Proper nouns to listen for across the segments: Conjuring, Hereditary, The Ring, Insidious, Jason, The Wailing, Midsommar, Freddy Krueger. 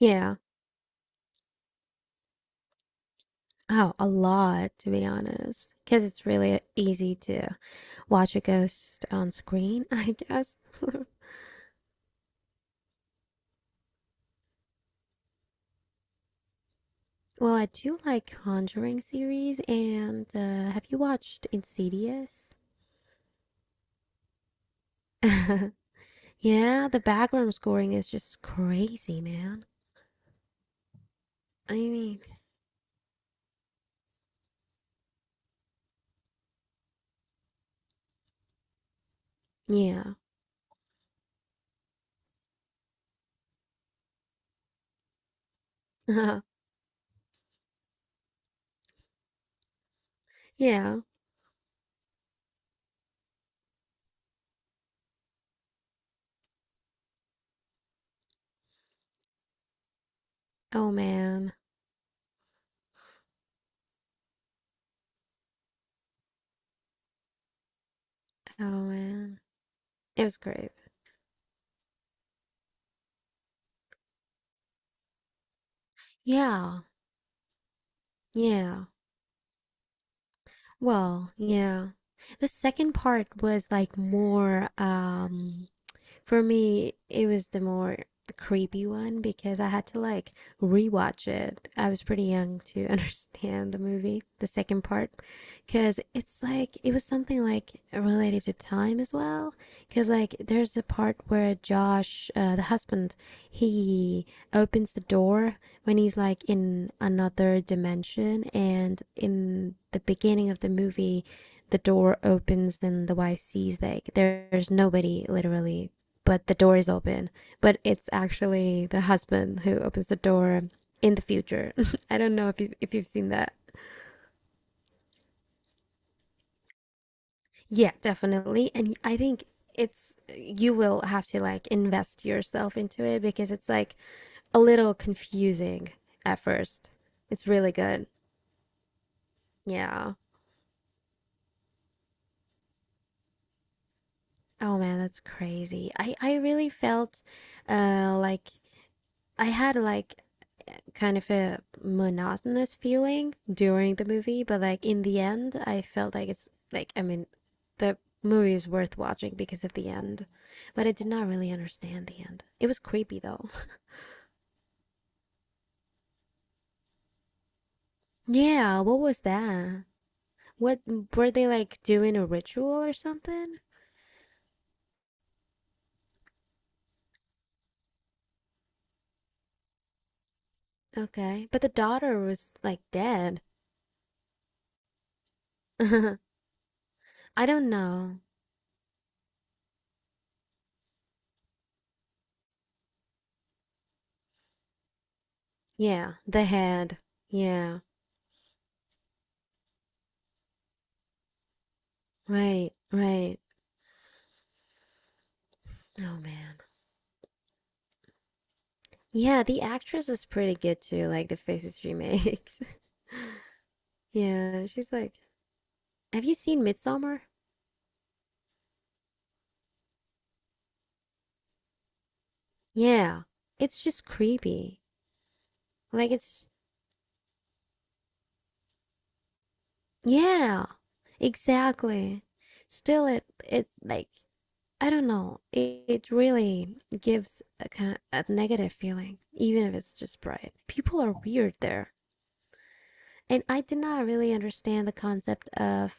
Yeah. Oh, a lot, to be honest. Because it's really easy to watch a ghost on screen, I guess. Well, I do like Conjuring series, and have you watched Insidious? Yeah, the background scoring is just crazy, man. I mean, yeah. Yeah. Oh, man. Oh, man. It was great. Yeah. Yeah. Well, yeah. The second part was like more. For me, it was the more creepy one because I had to like rewatch it. I was pretty young to understand the movie, the second part, because it's like it was something like related to time as well. Because like there's a part where Josh, the husband, he opens the door when he's like in another dimension, and in the beginning of the movie, the door opens and the wife sees like there's nobody literally but the door is open. But it's actually the husband who opens the door in the future. I don't know if you've seen that. Yeah, definitely. And I think it's you will have to like invest yourself into it because it's like a little confusing at first. It's really good. Yeah. Oh man, that's crazy. I really felt like I had like kind of a monotonous feeling during the movie, but like in the end, I felt like it's like I mean, the movie is worth watching because of the end, but I did not really understand the end. It was creepy though. Yeah, what was that? What were they like doing a ritual or something? Okay, but the daughter was like dead. I don't know. Yeah, the head. Yeah, right, right. Oh man. Yeah, the actress is pretty good too, like the faces she makes. Yeah, she's like, have you seen Midsommar? Yeah, it's just creepy. Like it's, yeah, exactly. Still, it like I don't know. It really gives a kind a negative feeling, even if it's just bright. People are weird there, and I did not really understand the concept of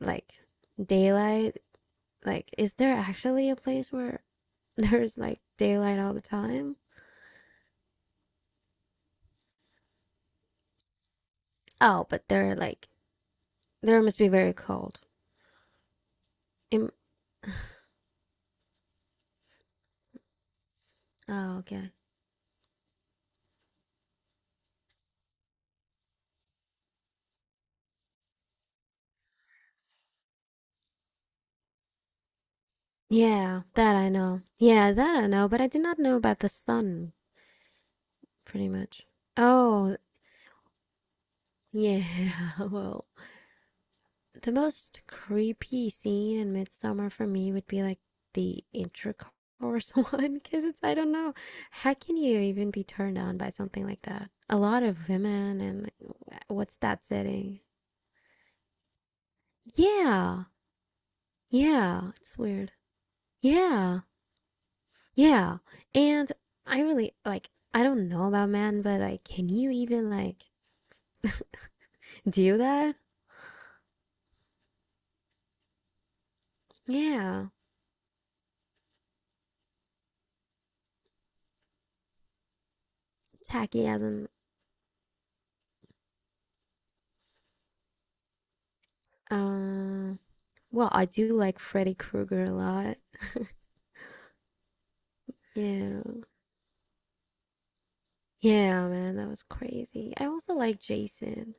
like daylight. Like, is there actually a place where there's like daylight all the time. Oh, but they're like there must be very cold. Im- oh, okay. Yeah, that I know. Yeah, that I know, but I did not know about the sun pretty much. Oh, yeah. Well, the most creepy scene in Midsummer for me would be like the intercourse one because it's I don't know how can you even be turned on by something like that? A lot of women and what's that setting? Yeah. Yeah, it's weird. Yeah, yeah. And I really like, I don't know about men, but like, can you even like do that? Yeah, tacky as in, um, well, I do like Freddy Krueger a lot. Yeah, yeah, man, that was crazy. I also like Jason.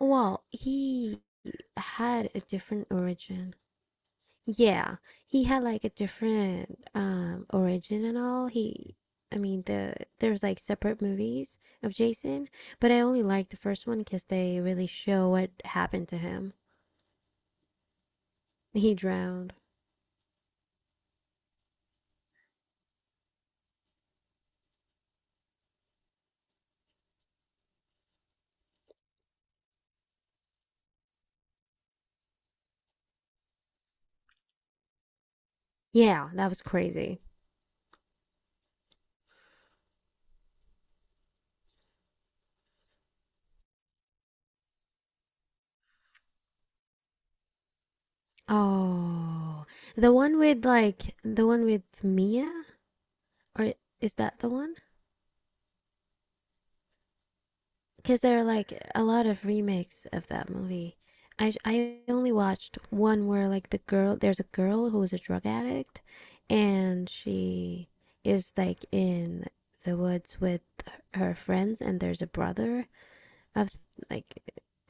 Well, he had a different origin. Yeah, he had like a different origin and all. He, I mean, there's like separate movies of Jason, but I only liked the first one because they really show what happened to him. He drowned. Yeah, that was crazy. Oh, the one with Mia, or is that the one? Because there are like a lot of remakes of that movie. I only watched one where there's a girl who is a drug addict, and she is like in the woods with her friends, and there's a brother of like.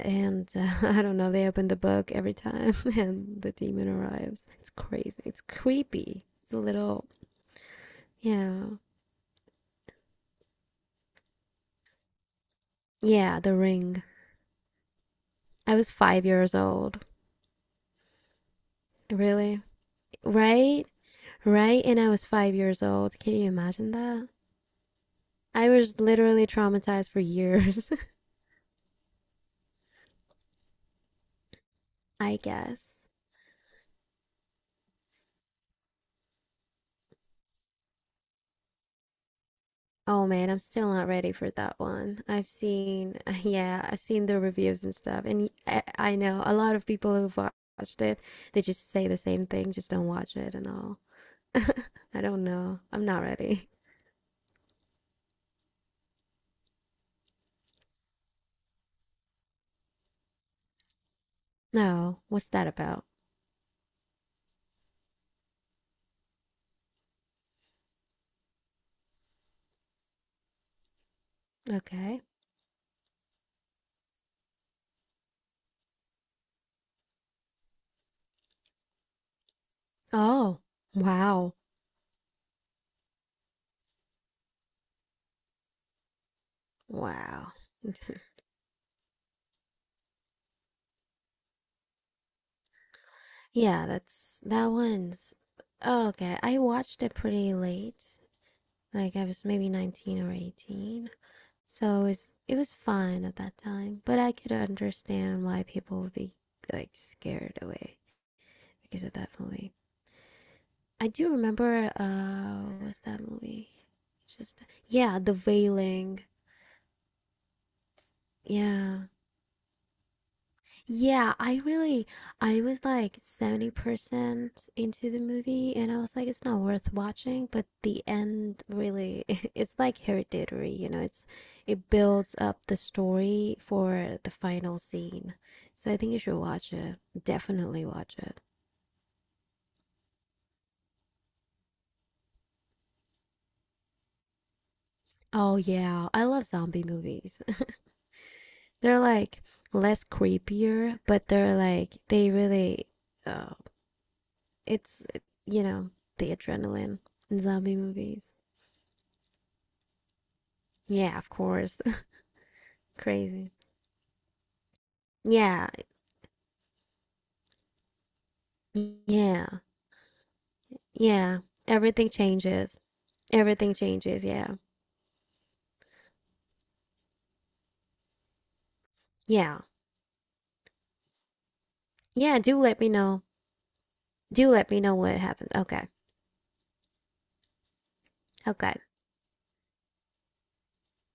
And I don't know, they open the book every time and the demon arrives. It's crazy. It's creepy. It's a little, yeah. Yeah, The Ring. I was 5 years old. Really? Right? Right? And I was 5 years old. Can you imagine that? I was literally traumatized for years, I guess. Oh man, I'm still not ready for that one. I've seen, yeah, I've seen the reviews and stuff. And I know a lot of people who've watched it, they just say the same thing, just don't watch it and all. I don't know. I'm not ready. No, what's that about? Okay. Oh, wow. Wow. Yeah, that's that one's oh, okay. I watched it pretty late. Like I was maybe 19 or 18. So it was fine at that time, but I could understand why people would be like scared away because of that movie. I do remember what's that movie? Just yeah, The Wailing. Yeah. Yeah, I was like 70% into the movie, and I was like, it's not worth watching, but the end really, it's like hereditary, it builds up the story for the final scene. So I think you should watch it. Definitely watch it. Oh yeah, I love zombie movies. They're like less creepier, but they're like they really, uh, it's, you know, the adrenaline in zombie movies. Yeah, of course. Crazy. Yeah, yeah, yeah. Everything changes. Everything changes. Yeah, yeah, yeah. Do let me know. Do let me know what happens. Okay, okay.